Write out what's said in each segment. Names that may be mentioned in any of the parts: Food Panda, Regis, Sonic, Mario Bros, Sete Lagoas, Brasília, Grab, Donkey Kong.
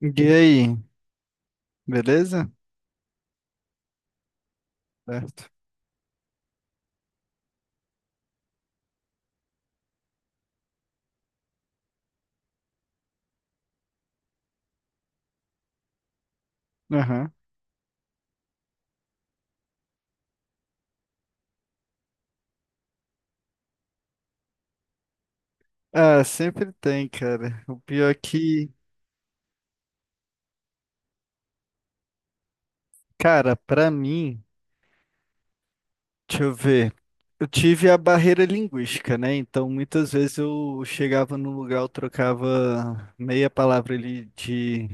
E aí, beleza? Certo. Aham. Ah, sempre tem, cara. O pior é que, cara, pra mim, deixa eu ver. Eu tive a barreira linguística, né? Então, muitas vezes eu chegava num lugar, eu trocava meia palavra ali de,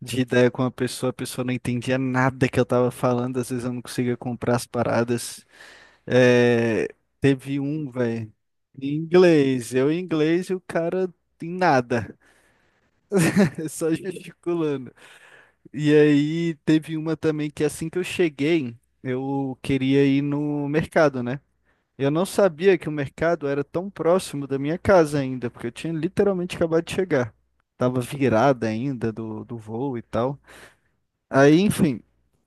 de ideia com a pessoa não entendia nada que eu tava falando, às vezes eu não conseguia comprar as paradas. É, teve um, velho, em inglês, eu em inglês e o cara em nada. Só gesticulando. E aí teve uma também que assim que eu cheguei, eu queria ir no mercado, né? Eu não sabia que o mercado era tão próximo da minha casa ainda, porque eu tinha literalmente acabado de chegar. Tava virada ainda do voo e tal. Aí, enfim,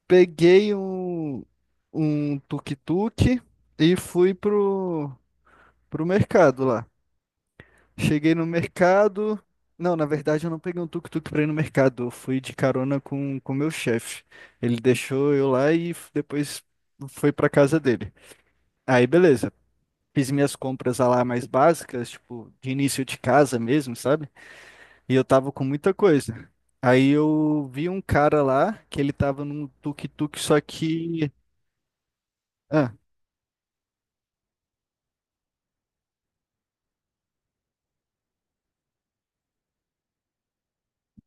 peguei um tuk-tuk e fui pro mercado lá. Cheguei no mercado. Não, na verdade eu não peguei um tuk-tuk pra ir no mercado. Eu fui de carona com o meu chefe. Ele deixou eu lá e depois foi pra casa dele. Aí, beleza. Fiz minhas compras lá mais básicas, tipo, de início de casa mesmo, sabe? E eu tava com muita coisa. Aí eu vi um cara lá que ele tava num tuk-tuk, só que. Ah,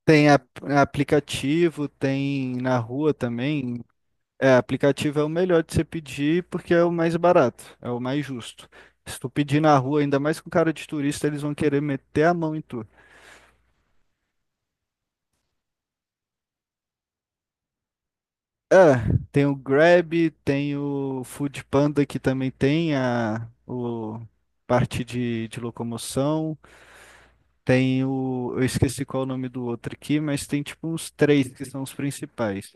tem aplicativo, tem na rua também. É, aplicativo é o melhor de você pedir porque é o mais barato, é o mais justo. Se tu pedir na rua, ainda mais com cara de turista, eles vão querer meter a mão em tu. É, tem o Grab, tem o Food Panda que também tem parte de locomoção. Tem o. Eu esqueci qual é o nome do outro aqui, mas tem tipo uns três que são os principais.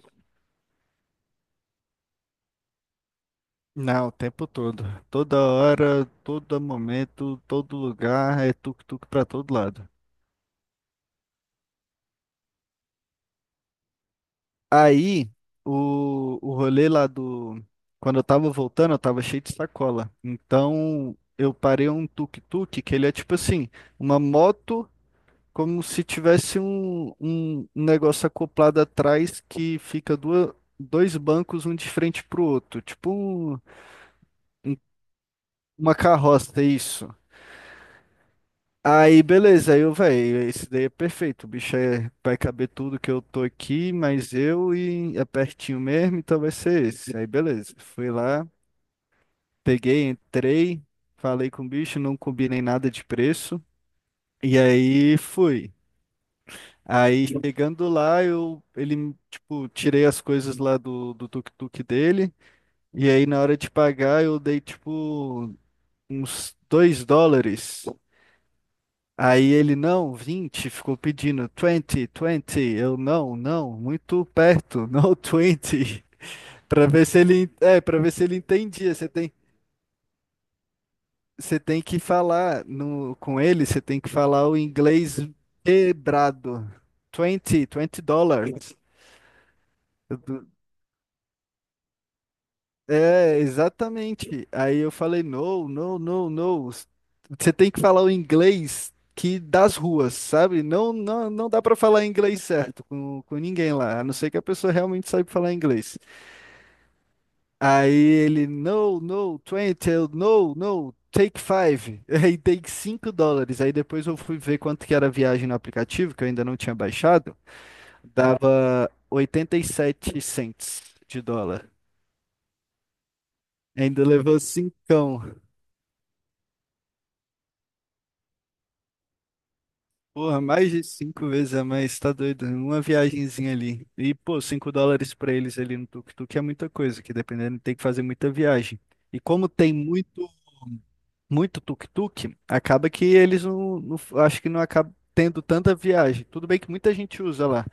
Não, o tempo todo. Toda hora, todo momento, todo lugar, é tuk-tuk pra todo lado. Aí, o rolê lá do. Quando eu tava voltando, eu tava cheio de sacola. Então, eu parei um tuk-tuk, que ele é tipo assim, uma moto, como se tivesse um negócio acoplado atrás que fica duas, dois bancos, um de frente pro outro. Tipo uma carroça, é isso. Aí, beleza, aí eu, velho, esse daí é perfeito. O bicho é, vai caber tudo que eu tô aqui, mas eu e é pertinho mesmo, então vai ser esse. Aí, beleza. Fui lá, peguei, entrei, falei com o bicho, não combinei nada de preço. E aí fui. Aí chegando lá, eu ele tipo, tirei as coisas lá do tuk-tuk dele. E aí na hora de pagar, eu dei tipo uns US$ 2. Aí ele, não, 20, ficou pedindo 20, 20. Eu, não, não, muito perto, no 20. Para ver se ele entendia. Você tem que falar no, com ele, você tem que falar o inglês quebrado. 20, US$ 20. É, exatamente. Aí eu falei, no, no, no, no. Você tem que falar o inglês que das ruas, sabe? Não, não, não dá pra falar inglês certo com ninguém lá, a não ser que a pessoa realmente saiba falar inglês. Aí ele, no, no, twenty, eu, no, no, take five. Aí dei US$ 5. Aí depois eu fui ver quanto que era a viagem no aplicativo, que eu ainda não tinha baixado. Dava 87 cents de dólar. Ainda levou cincão. Porra, mais de cinco vezes a mais, tá doido? Uma viagenzinha ali. E, pô, US$ 5 pra eles ali no tuk-tuk é muita coisa, que dependendo tem que fazer muita viagem. E como tem muito, muito tuk-tuk, acaba que eles acho que não acaba tendo tanta viagem. Tudo bem que muita gente usa lá,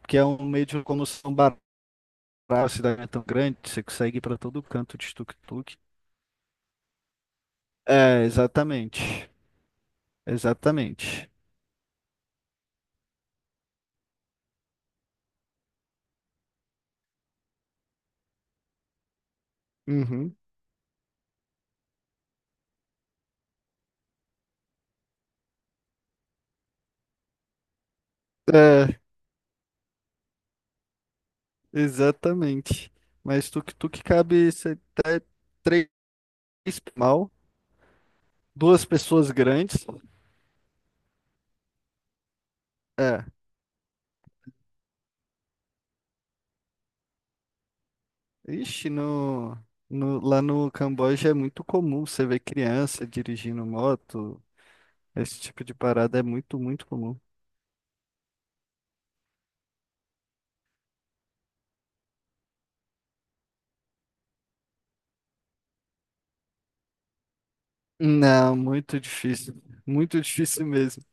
porque é um meio de locomoção barato, a cidade é tão grande, você consegue ir pra todo canto de tuk-tuk. É, exatamente. Exatamente. Uhum. Exatamente. Mas tuk-tuk cabe até três mal, duas pessoas grandes. É. Ixi, no, lá no Camboja é muito comum você ver criança dirigindo moto. Esse tipo de parada é muito, muito comum. Não, muito difícil. Muito difícil mesmo.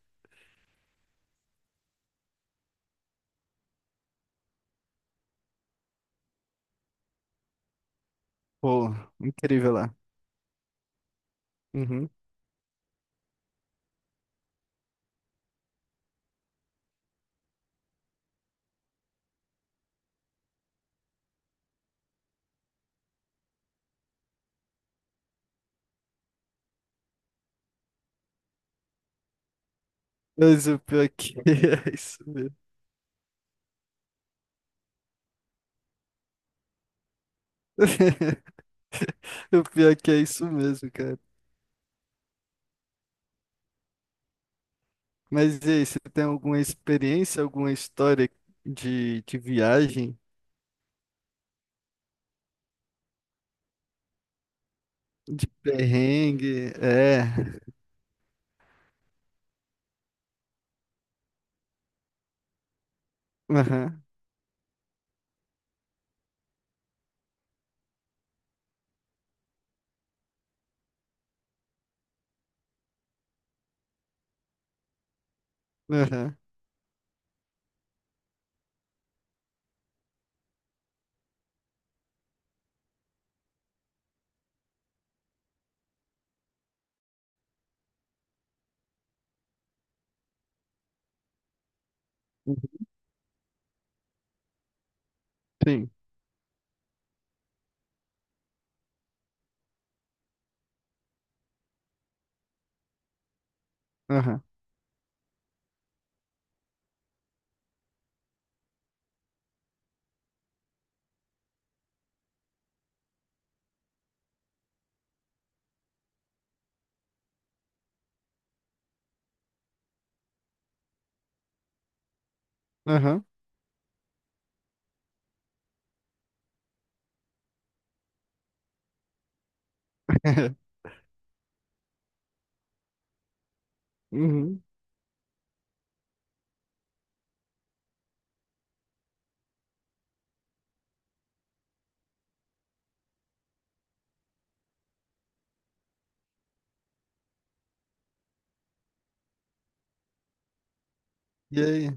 Pô, incrível lá. Uhum. Mas o pior é que é isso mesmo. O pior é que é isso mesmo, cara. Mas e aí, você tem alguma experiência, alguma história de viagem, de perrengue? É. Aham, aham. Sim. Aham, aham. Uhum. E aí?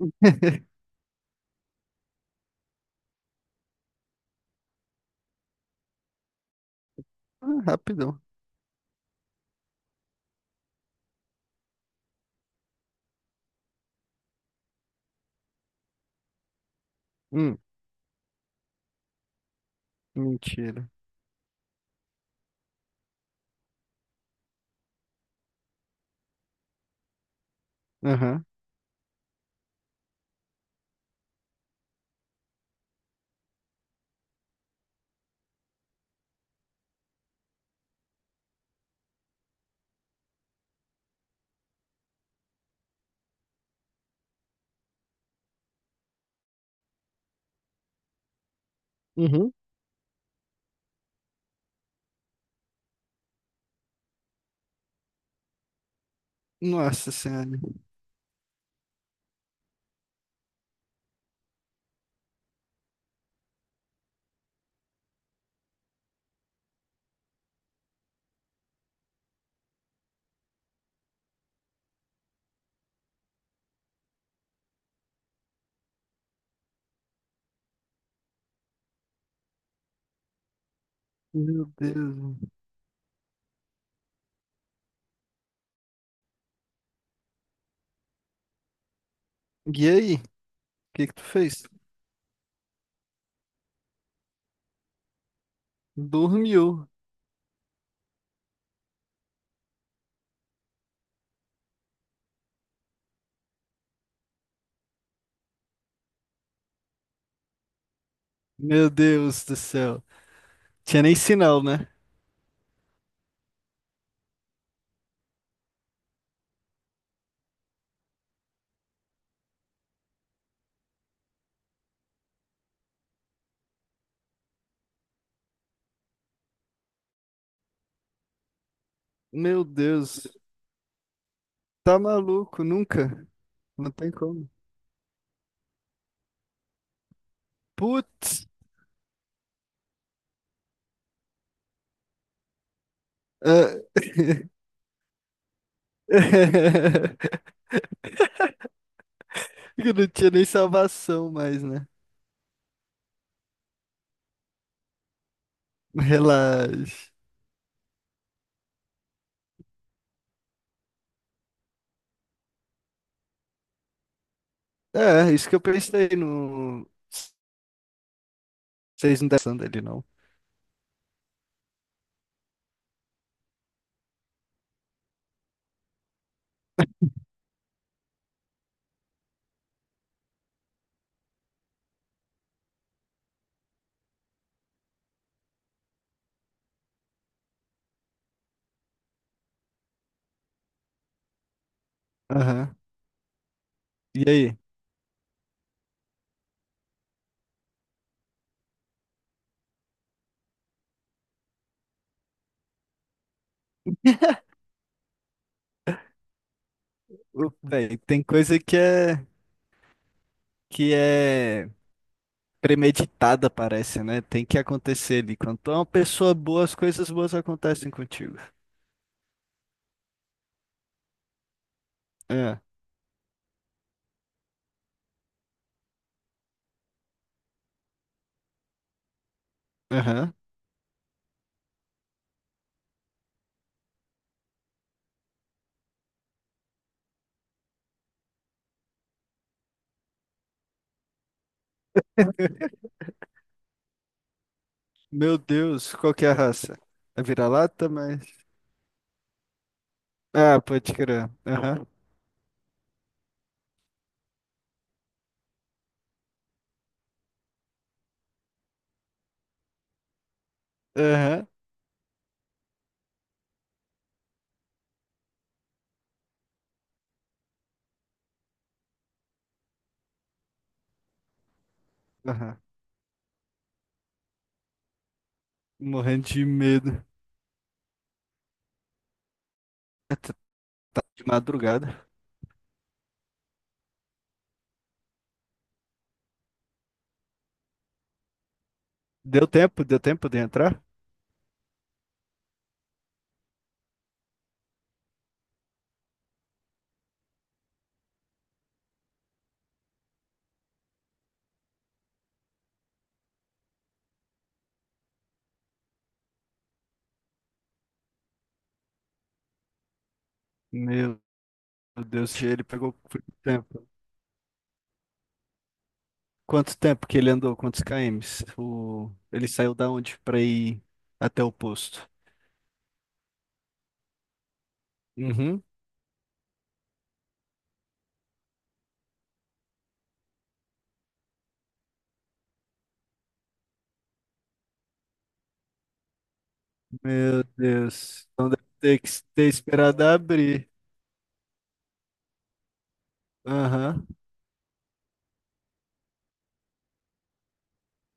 Ah, rapidão. Hum, mentira. Aham. Uhum. Nossa Senhora. Meu Deus. E aí? O que que tu fez? Dormiu. Meu Deus do céu. Tinha nem sinal, né? Meu Deus. Tá maluco, nunca. Não tem como. Putz! Ah, eu não tinha nem salvação mais, né? Relaxa. É, isso que eu pensei no. Vocês não estão dele, não. Aham. E aí? Ô, Véi, tem coisa que é premeditada, parece, né? Tem que acontecer ali. Quando tu é uma pessoa boa, as coisas boas acontecem contigo. É. Aham. Meu Deus, qual que é a raça? É vira-lata, mas. Ah, pode crer. Aham. Aham. Aham. Morrendo de medo. É, tá de madrugada. Deu tempo? Deu tempo de entrar? Meu Deus, ele pegou muito tempo. Quanto tempo que ele andou? Quantos km? Ele saiu da onde pra ir até o posto? Uhum. Meu Deus. Então deve ter que ter esperado abrir. Aham.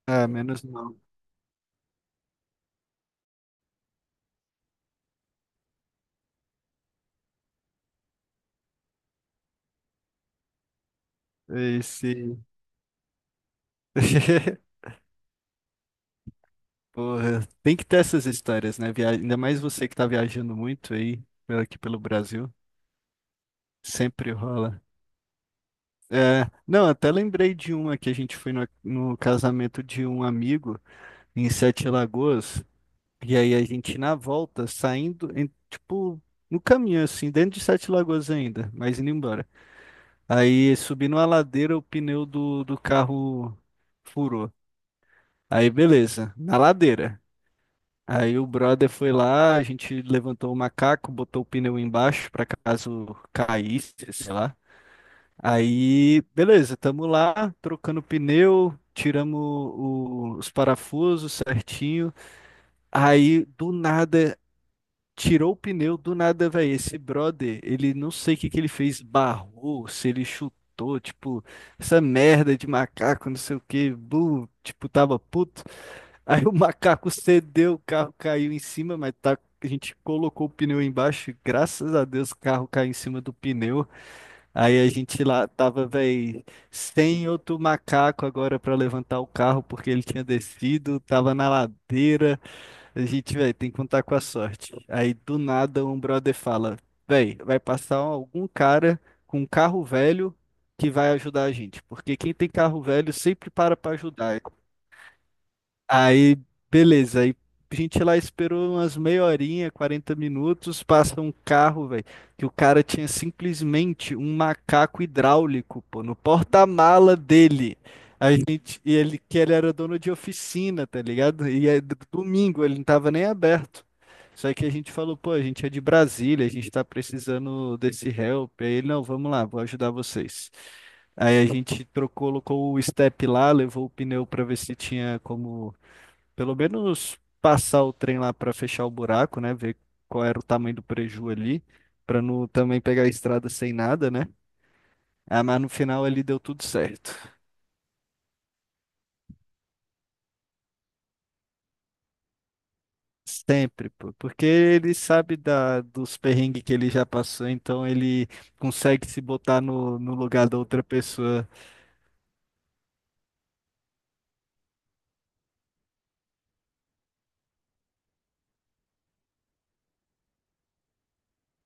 Ah, menos mal. Esse. Porra, tem que ter essas histórias, né? Ainda mais você que tá viajando muito aí, aqui pelo Brasil. Sempre rola. É, não, até lembrei de uma que a gente foi no casamento de um amigo em Sete Lagoas. E aí a gente, na volta, saindo, tipo, no caminho, assim, dentro de Sete Lagoas ainda, mas indo embora. Aí subindo a ladeira, o pneu do carro furou. Aí, beleza, na ladeira. Aí o brother foi lá, a gente levantou o macaco, botou o pneu embaixo para caso caísse, sei lá. Aí, beleza, tamo lá, trocando pneu, tiramos os parafusos certinho. Aí, do nada, tirou o pneu do nada, velho. Esse brother, ele não sei o que que ele fez, barrou, se ele chutou, tipo, essa merda de macaco, não sei o que, bu, tipo, tava puto. Aí o macaco cedeu, o carro caiu em cima, mas tá, a gente colocou o pneu embaixo, e graças a Deus o carro caiu em cima do pneu. Aí a gente lá tava, velho, sem outro macaco agora pra levantar o carro, porque ele tinha descido, tava na ladeira. A gente, velho, tem que contar com a sorte. Aí do nada um brother fala: velho, vai passar algum cara com um carro velho que vai ajudar a gente. Porque quem tem carro velho sempre para pra ajudar. Aí, beleza. Aí a gente lá esperou umas meia horinha, 40 minutos, passa um carro, velho, que o cara tinha simplesmente um macaco hidráulico, pô, no porta-mala dele. A gente, e ele, que ele era dono de oficina, tá ligado? E é domingo, ele não tava nem aberto. Só que a gente falou, pô, a gente é de Brasília, a gente tá precisando desse help. Aí ele, não, vamos lá, vou ajudar vocês. Aí a gente trocou, colocou o step lá, levou o pneu para ver se tinha como pelo menos passar o trem lá para fechar o buraco, né? Ver qual era o tamanho do preju ali, para não também pegar a estrada sem nada, né? Ah, mas no final ali deu tudo certo. Sempre, pô. Porque ele sabe da, dos perrengues que ele já passou, então ele consegue se botar no lugar da outra pessoa.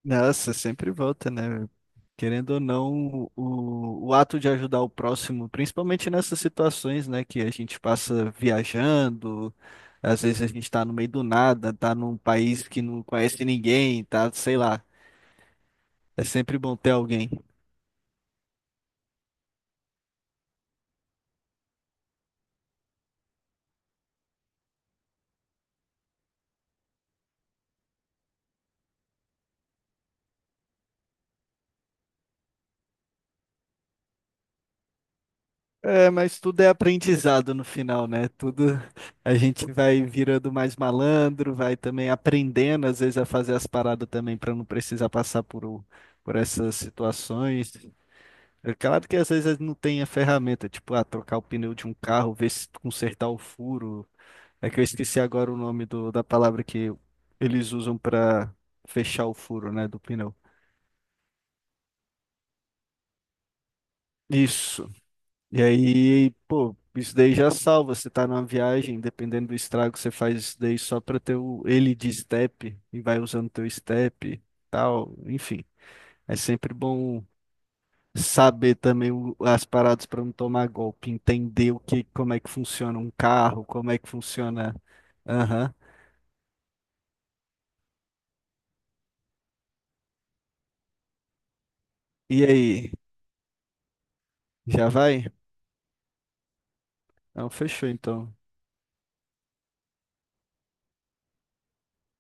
Nossa, sempre volta, né? Querendo ou não, o ato de ajudar o próximo, principalmente nessas situações, né, que a gente passa viajando, às vezes a gente está no meio do nada, tá num país que não conhece ninguém, tá, sei lá, é sempre bom ter alguém. É, mas tudo é aprendizado no final, né? Tudo a gente vai virando mais malandro, vai também aprendendo às vezes a fazer as paradas também para não precisar passar por, por essas situações. É claro que às vezes não tem a ferramenta, tipo, ah, trocar o pneu de um carro, ver se consertar o furo. É que eu esqueci agora o nome do, da palavra que eles usam pra fechar o furo, né, do pneu. Isso. E aí, pô, isso daí já salva. Você tá numa viagem, dependendo do estrago, você faz isso daí só pra ter o, ele de step e vai usando teu step e tal. Enfim, é sempre bom saber também as paradas para não tomar golpe, entender o que, como é que funciona um carro, como é que funciona. Aham. E aí, já vai? Não, fechou então.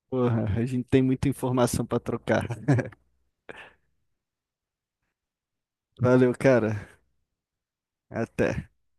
Porra, a gente tem muita informação para trocar. Valeu, cara. Até.